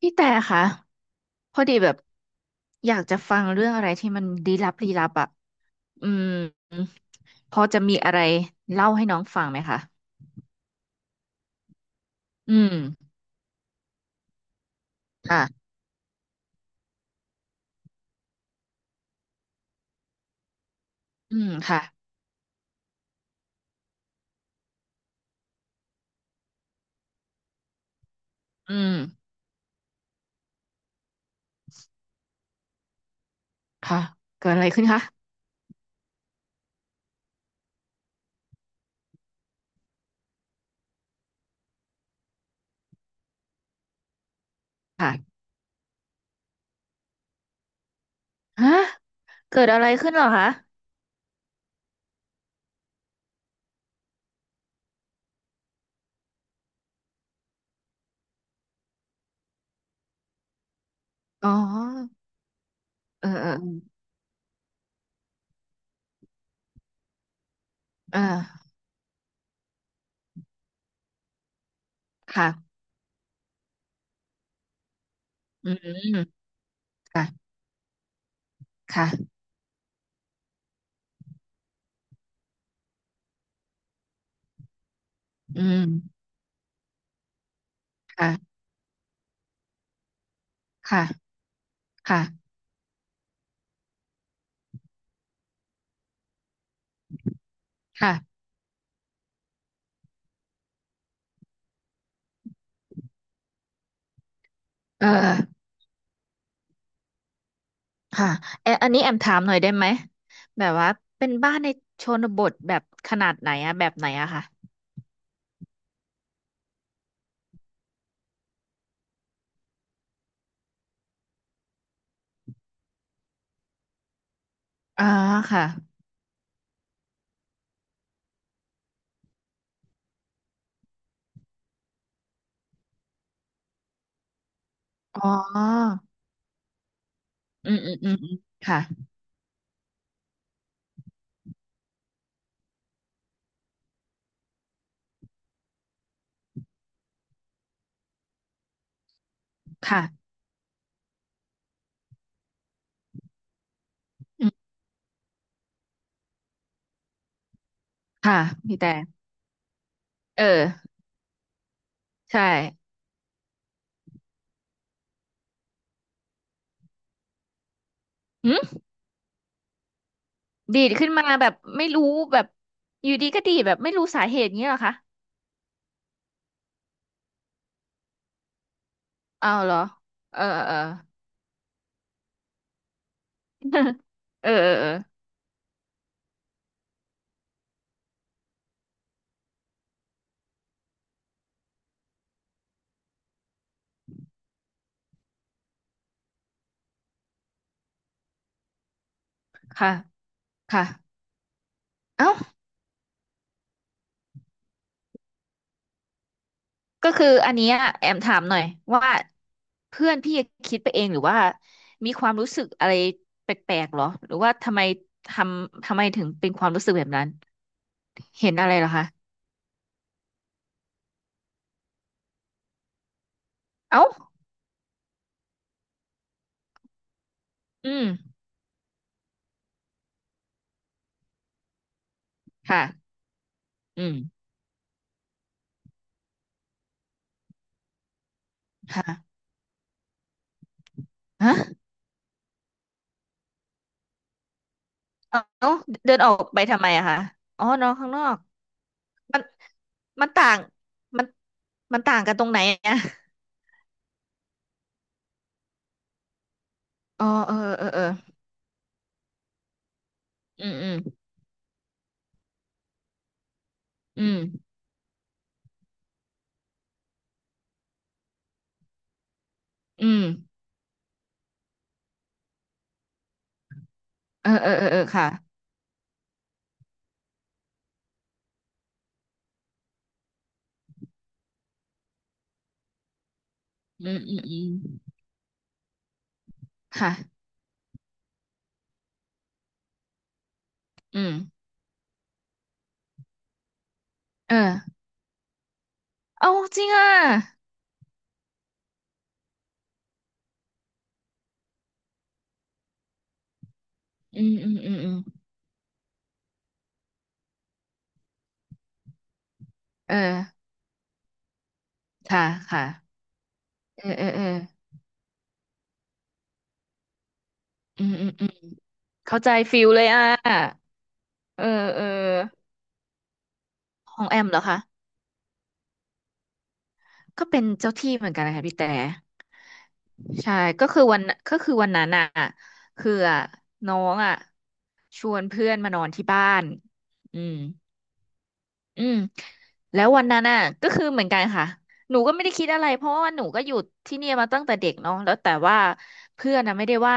พี่แต่คะพอดีแบบอยากจะฟังเรื่องอะไรที่มันลี้ลับลี้ลับอ่ะอืมพอจะมีอะไรเล่าให้น้องฟังไหมคะอืมค่ะอืมค่ะอืมค่ะเกิดอะไรขึ้นคะค่ะฮะเกิดอะไรขึ้นเหรอคะอ๋อเออเออเออค่ะอืมค่ะค่ะอืมค่ะค่ะค่ะค่ะเออ ค่ะแอันนี้แอมถามหน่อยได้ไหมแบบว่าเป็นบ้านในชนบทแบบขนาดไหนอะแบบไหนอะค่ะอ่าค่ะอ๋ออืมอืมอืมอืมค่ะค่ะอืมค่ะพี่แต่เออใช่หืมดีดขึ้นมาแบบไม่รู้แบบอยู่ดีก็ดีดแบบไม่รู้สาเหตุเงี้ยเหรอคะเอาเหรอเออเออเออ เออเออเออค่ะ ค่ะเอ้า ก็คืออันเนี้ยแอมถามหน่อยว่าเพื่อนพี่คิดไปเองหรือว่ามีความรู้สึกอะไรแปลกๆหรอหรือว่าทำไมททำไมถึงเป็นความรู้สึกแบบนั้นเห็นอะไรเหรอคะเอ้าอืมค่ะอืมค่ะฮะเอ้าเดินออกไปทำไมอะคะอ๋อนอนข้างนอกมันมันต่างมันมันต่างกันตรงไหนอะอ๋อเออเออเอออืมอืมอืมอืมเออเออเออเออค่ะอืมอืมอืม ค่ะ อืมเออเอาจริงอ่ะอืมอืมอืมอืมเออค่ะค่ะ เออ เออ เอออืมอืมอืมเข้าใจฟิลเลยอ่ะเออ เออ ของแอมเหรอคะ ก็เป็นเจ้าที่เหมือนกันนะคะพี่แต่ใช่ ก็คือวันก็คือวันนั้นอ่ะคืออ่ะน้องอ่ะชวนเพื่อนมานอนที่บ้าน อืม อืมแล้ววันนั้นน่ะก็คือเหมือนกันค่ะหนูก็ไม่ได้คิดอะไรเพราะว่าหนูก็อยู่ที่เนี่ยมาตั้งแต่เด็กเนาะแล้วแต่ว่าเพื่อนน่ะไม่ได้ไหว้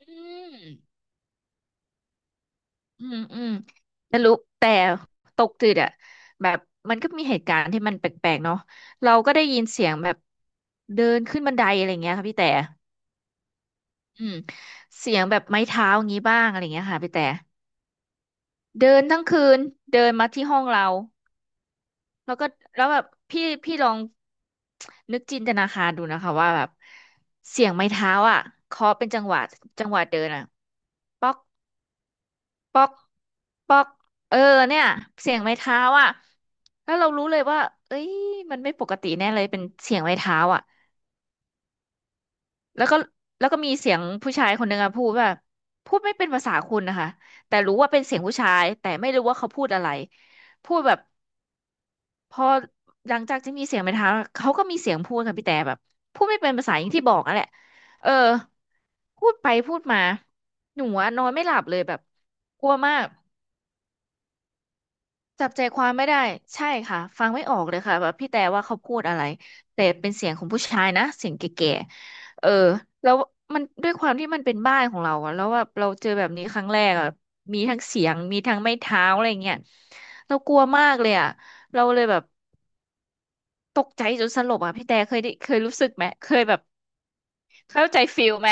อืมอืมอืมแต่รู้แต่ตกตึกอะแบบมันก็มีเหตุการณ์ที่มันแปลกๆเนาะเราก็ได้ยินเสียงแบบเดินขึ้นบันไดอะไรเงี้ยค่ะพี่แต่อืมเสียงแบบไม้เท้าอย่างงี้บ้างอะไรเงี้ยค่ะพี่แต่เดินทั้งคืนเดินมาที่ห้องเรา แล้วก็แล้วแบบพี่ลองนึกจินตนาการดูนะคะว่าแบบเสียงไม้เท้าอ่ะเคาะเป็นจังหวะจังหวะเดินอ่ะป๊อกป๊อกป๊อกเออเนี่ยเสียงไม้เท้าอ่ะแล้วเรารู้เลยว่าเอ้ยมันไม่ปกติแน่เลยเป็นเสียงไม้เท้าอ่ะแล้วก็แล้วก็มีเสียงผู้ชายคนหนึ่งอะพูดว่าพูดไม่เป็นภาษาคุณนะคะแต่รู้ว่าเป็นเสียงผู้ชายแต่ไม่รู้ว่าเขาพูดอะไรพูดแบบ พอหลังจากที่มีเสียงไปถามเขาก็มีเสียงพูดค่ะพี่แต่แบบพูดไม่เป็นภาษาอย่างที่บอกอ่ะแหละเออพูดไปพูดมาหนูอะนอนไม่หลับเลยแบบกลัวมากจับใจความไม่ได้ใช่ค่ะฟังไม่ออกเลยค่ะแบบพี่แต่ว่าเขาพูดอะไรแต่เป็นเสียงของผู้ชายนะเสียงแก่ๆเออแล้วมันด้วยความที่มันเป็นบ้านของเราอะแล้วแบบเราเจอแบบนี้ครั้งแรกอะมีทั้งเสียงมีทั้งไม้เท้าอะไรเงี้ยเรากลัวมากเลยอะเราเลยแบบ ตกใจจนสลบอ่ะพี่แต่เคยได้เคยรู้สึกไหม เคยแบบเข้าใจฟิลไหม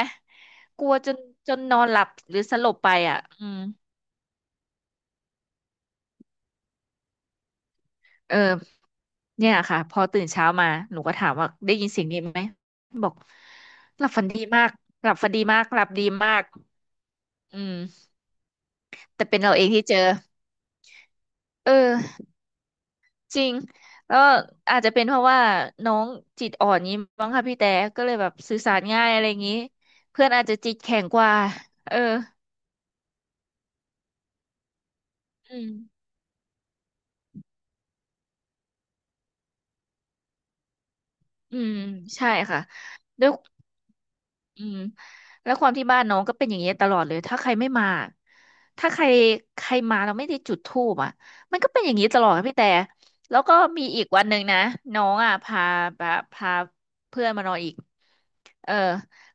กลัวจนนอนหลับหรือสลบไปอ่ะอืมเออเนี่ยค่ะพอตื่นเช้ามาหนูก็ถามว่าได้ยินเสียงนี้ไหมบอกหลับฝันดีมากหลับฝันดีมากหลับดีมากอืมแต่เป็นเราเองที่เจอเออจริงแล้วอาจจะเป็นเพราะว่าน้องจิตอ่อนนี้มั้งค่ะพี่แต่ก็เลยแบบสื่อสารง่ายอะไรอย่างนี้เพื่อนอาจจะจิตแข็งกว่าเอออืม อืมใช่ค่ะด้วยอืมแล้วความที่บ้านน้องก็เป็นอย่างเงี้ยตลอดเลยถ้าใครไม่มาถ้าใครใครมาเราไม่ได้จุดธูปอ่ะมันก็เป็นอย่างนี้ตลอดค่ะพี่แต่แล้วก็มีอีกวันหนึ่งนะน้องอ่ะพาเพื่อนมานอนอีกเออ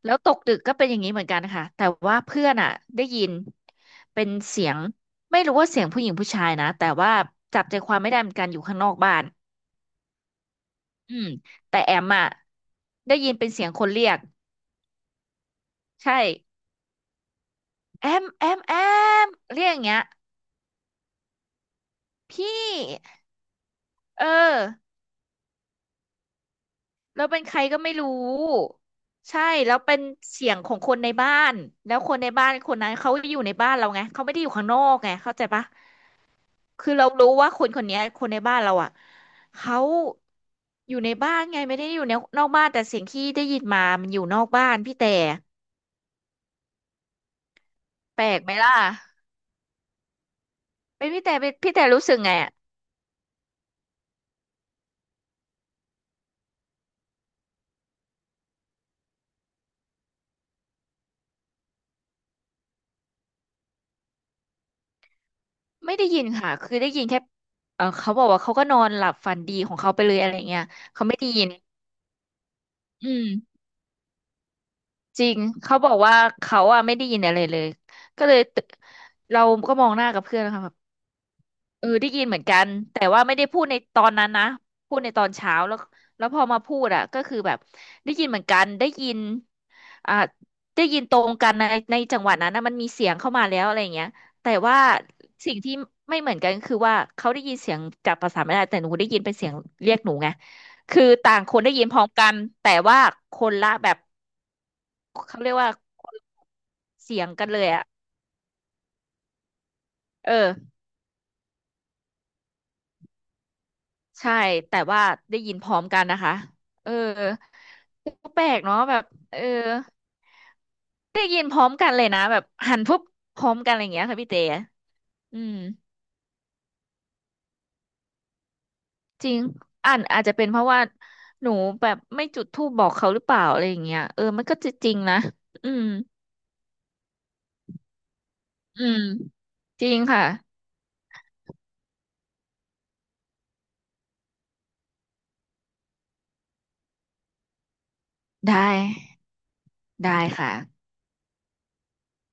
แล้วตกดึกก็เป็นอย่างนี้เหมือนกันค่ะแต่ว่าเพื่อนอ่ะได้ยินเป็นเสียงไม่รู้ว่าเสียงผู้หญิงผู้ชายนะแต่ว่าจับใจความไม่ได้เหมือนกันอยู่ข้างนอกบ้านอืมแต่แอมอ่ะได้ยินเป็นเสียงคนเรียก ใช่แอมแอมแอมเรียกอย่างเงี้ยพี่เออแราเป็นใครก็ไม่รู้ใช่แล้วเป็นเสียงของคนในบ้านแล้วคนในบ้านคนนั้นเขาอยู่ในบ้านเราไงเขาไม่ได้อยู่ข้างนอกไงเข้าใจปะคือเรารู้ว่าคนเนี้ยคนในบ้านเราอ่ะเขาอยู่ในบ้านไงไม่ได้อยู่ในนอกบ้านแต่เสียงที่ได้ยินมามันอยู่นอกบ้านพี่แต่แปลกไหมล่ะเป็นพี่แต่เป็นพี่แต่รู้สึกไงอะ ไม่ได้ยินค่ะ คือได้ยินแค่เออเขาบอกว่าเขาก็นอนหลับฝันดีของเขาไปเลยอะไรเงี้ยเขาไม่ได้ยินอืมจริงเขาบอกว่าเขาอะไม่ได้ยินอะไรเลยก็เลยตื่นเราก็มองหน้ากับเพื่อนนะคะ เออได้ยินเหมือนกันแต่ว่าไม่ได้พูดในตอนนั้นนะพูดในตอนเช้าแล้วแล้วพอมาพูดอ่ะก็คือแบบได้ยินเหมือนกันได้ยินอ่าได้ยินตรงกันในจังหวะนั้นนะมันมีเสียงเข้ามาแล้วอะไรอย่างเงี้ยแต่ว่าสิ่งที่ไม่เหมือนกันคือว่าเขาได้ยินเสียงจากภาษาไม่ได้แต่หนูได้ยินเป็นเสียงเรียกหนูไงคือต่างคนได้ยินพร้อมกันแต่ว่าคนละแบบเขาเรียกว่าคนละเสียงกันเลยอ่ะเออ ใช่แต่ว่าได้ยินพร้อมกันนะคะเออก็แปลกเนาะแบบเออได้ยินพร้อมกันเลยนะแบบหันปุ๊บพร้อมกันอะไรอย่างเงี้ยค่ะพี่เต๋อืมจริงอ่านอาจจะเป็นเพราะว่าหนูแบบไม่จุดธูปบอกเขาหรือเปล่าอะไรอย่างเงี้ยเออมันก็จะจริงนะอืมอืมจริงค่ะได้ได้ค่ะ